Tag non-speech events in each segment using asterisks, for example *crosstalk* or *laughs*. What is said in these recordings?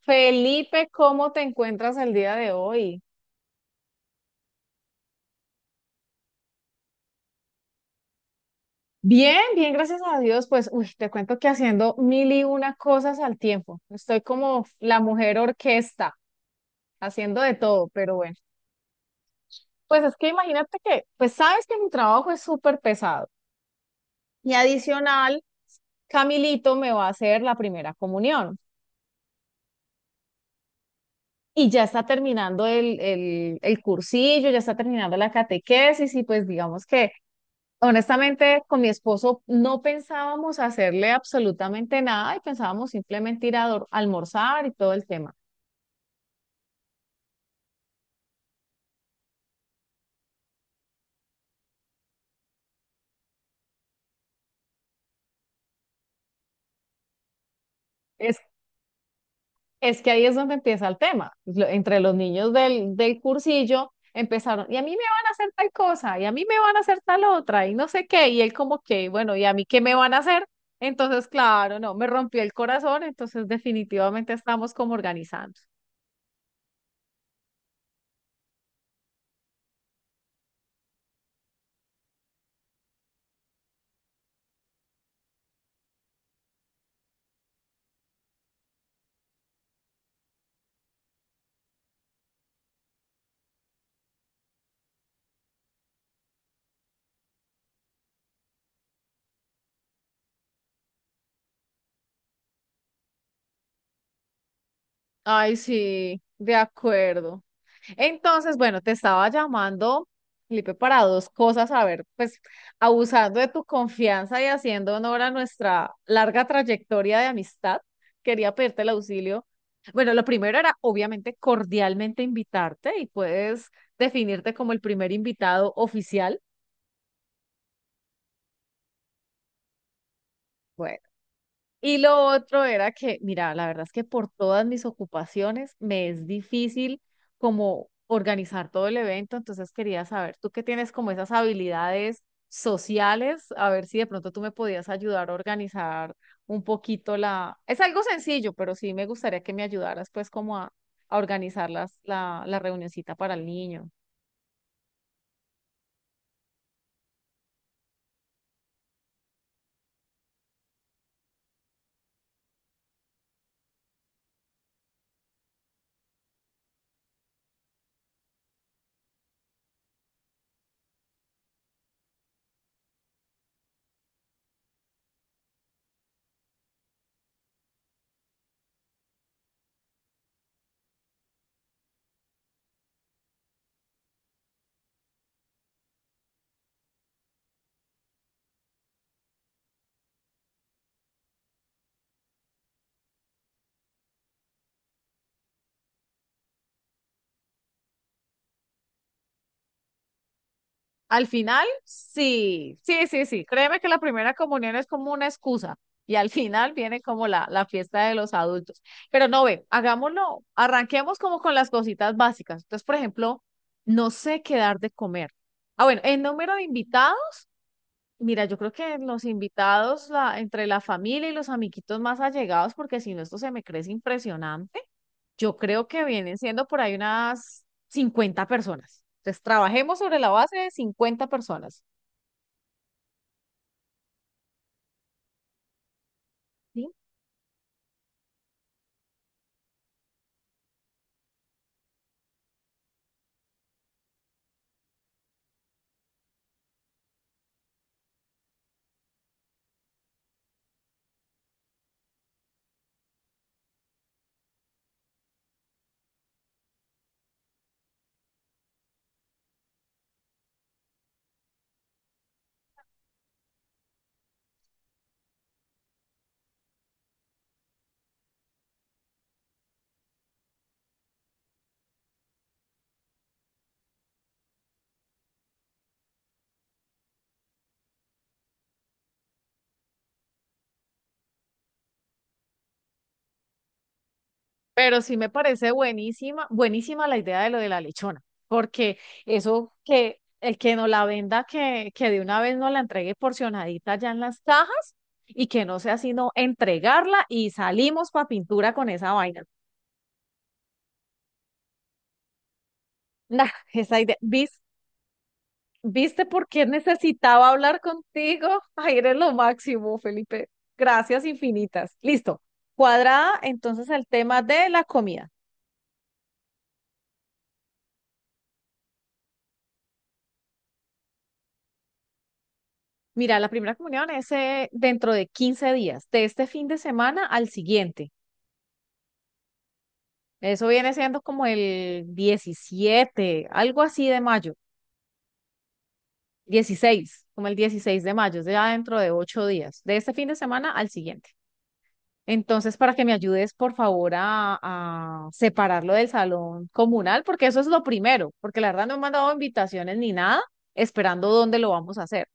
Felipe, ¿cómo te encuentras el día de hoy? Bien, bien, gracias a Dios. Pues, uy, te cuento que haciendo mil y una cosas al tiempo. Estoy como la mujer orquesta, haciendo de todo, pero bueno. Pues es que imagínate que, pues sabes que mi trabajo es súper pesado. Y adicional, Camilito me va a hacer la primera comunión. Y ya está terminando el cursillo, ya está terminando la catequesis y pues digamos que honestamente, con mi esposo no pensábamos hacerle absolutamente nada y pensábamos simplemente almorzar y todo el tema. Es, es que ahí es donde empieza el tema. Entre los niños del cursillo empezaron, y a mí me van a hacer tal cosa, y a mí me van a hacer tal otra, y no sé qué, y él como que, bueno, ¿y a mí qué me van a hacer? Entonces, claro, no, me rompió el corazón, entonces definitivamente estamos como organizando. Ay, sí, de acuerdo. Entonces, bueno, te estaba llamando, Felipe, para dos cosas, a ver, pues abusando de tu confianza y haciendo honor a nuestra larga trayectoria de amistad, quería pedirte el auxilio. Bueno, lo primero era obviamente cordialmente invitarte y puedes definirte como el primer invitado oficial. Y lo otro era que, mira, la verdad es que por todas mis ocupaciones me es difícil como organizar todo el evento, entonces quería saber, tú que tienes como esas habilidades sociales, a ver si de pronto tú me podías ayudar a organizar un poquito la... Es algo sencillo, pero sí me gustaría que me ayudaras pues como a organizar la reunioncita para el niño. Al final, sí, sí, sí, sí. Créeme que la primera comunión es como una excusa y al *laughs* final viene como la fiesta de los adultos. Pero no, ve, hagámoslo, arranquemos como con las cositas básicas. Entonces, por ejemplo, no sé qué dar de comer. Ah, bueno, el número de invitados, mira, yo creo que los invitados entre la familia y los amiguitos más allegados, porque si no, esto se me crece impresionante. Yo creo que vienen siendo por ahí unas 50 personas. Entonces, trabajemos sobre la base de 50 personas. Sí, pero sí me parece buenísima, buenísima la idea de lo de la lechona, porque eso que el que no la venda, que de una vez nos la entregue porcionadita ya en las cajas y que no sea sino entregarla y salimos para pintura con esa vaina. *laughs* Nah, esa idea. ¿Viste por qué necesitaba hablar contigo? *laughs* Ay, eres lo máximo, Felipe. Gracias infinitas. Listo. Cuadrada entonces el tema de la comida. Mira, la primera comunión es dentro de 15 días, de este fin de semana al siguiente. Eso viene siendo como el 17, algo así de mayo, 16, como el 16 de mayo, es ya dentro de 8 días, de este fin de semana al siguiente. Entonces, para que me ayudes, por favor, a separarlo del salón comunal, porque eso es lo primero, porque la verdad no me han dado invitaciones ni nada, esperando dónde lo vamos a hacer.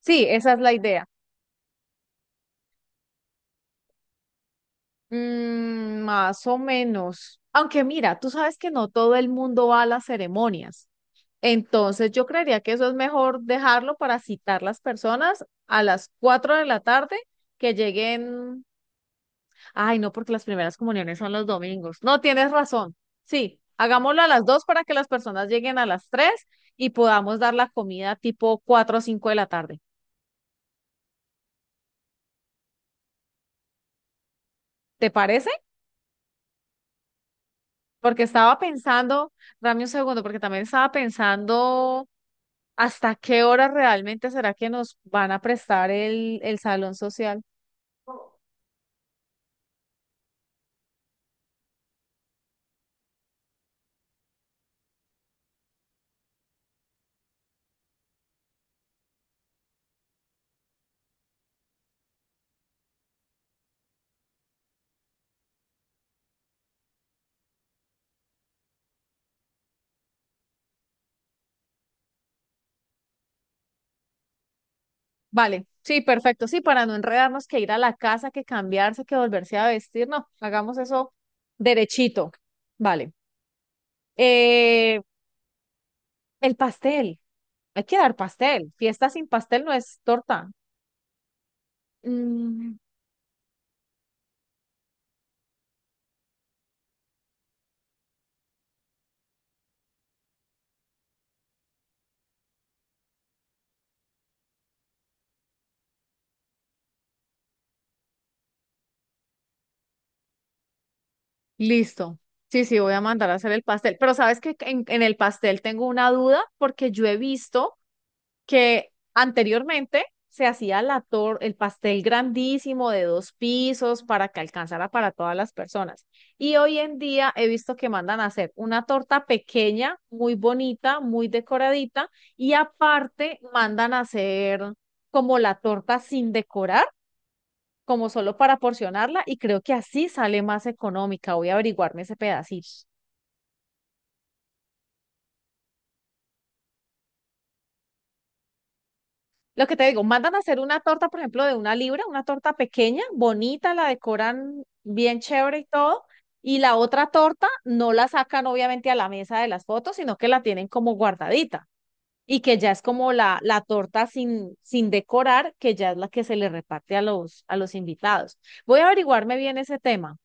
Sí, esa es la idea. Mm, más o menos. Aunque mira, tú sabes que no todo el mundo va a las ceremonias. Entonces yo creería que eso es mejor dejarlo para citar las personas a las 4 de la tarde que lleguen. Ay, no, porque las primeras comuniones son los domingos. No, tienes razón. Sí, hagámoslo a las 2 para que las personas lleguen a las 3 y podamos dar la comida tipo 4 o 5 de la tarde. ¿Te parece? Porque estaba pensando, dame un segundo, porque también estaba pensando. ¿Hasta qué hora realmente será que nos van a prestar el salón social? Vale, sí, perfecto. Sí, para no enredarnos, que ir a la casa, que cambiarse, que volverse a vestir. No, hagamos eso derechito. Vale. Eh, el pastel. Hay que dar pastel. Fiesta sin pastel no es torta. Mm, listo. Sí, sí, voy a mandar a hacer el pastel. Pero sabes que en el pastel tengo una duda porque yo he visto que anteriormente se hacía el pastel grandísimo de dos pisos para que alcanzara para todas las personas. Y hoy en día he visto que mandan a hacer una torta pequeña, muy bonita, muy decoradita, y aparte mandan a hacer como la torta sin decorar, como solo para porcionarla, y creo que así sale más económica. Voy a averiguarme ese pedacito. Lo que te digo, mandan a hacer una torta, por ejemplo, de una libra, una torta pequeña, bonita, la decoran bien chévere y todo, y la otra torta no la sacan obviamente a la mesa de las fotos, sino que la tienen como guardadita y que ya es como la torta sin decorar, que ya es la que se le reparte a los invitados. Voy a averiguarme bien ese tema.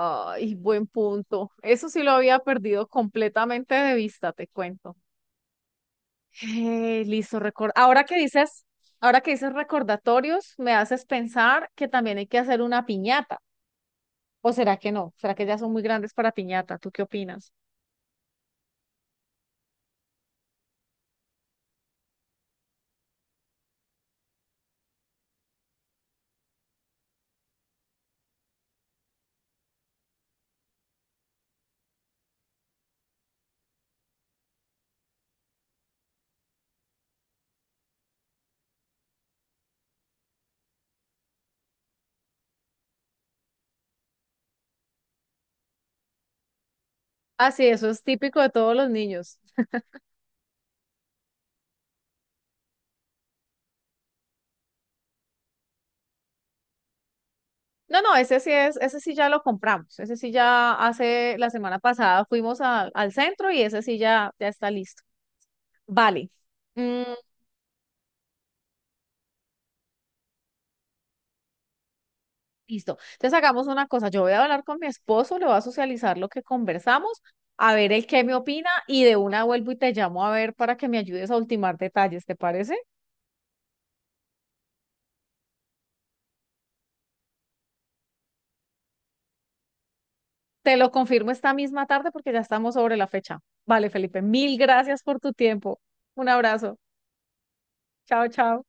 Ay, buen punto. Eso sí lo había perdido completamente de vista, te cuento. Listo. Record. Ahora que dices recordatorios, me haces pensar que también hay que hacer una piñata. ¿O será que no? ¿Será que ya son muy grandes para piñata? ¿Tú qué opinas? Ah, sí, eso es típico de todos los niños. No, no, ese sí ya lo compramos. Ese sí ya hace la semana pasada fuimos al centro y ese sí ya está listo. Vale. Mm. Listo. Entonces hagamos una cosa. Yo voy a hablar con mi esposo, le voy a socializar lo que conversamos, a ver el qué me opina y de una vuelvo y te llamo a ver para que me ayudes a ultimar detalles, ¿te parece? Te lo confirmo esta misma tarde porque ya estamos sobre la fecha. Vale, Felipe, mil gracias por tu tiempo. Un abrazo. Chao, chao.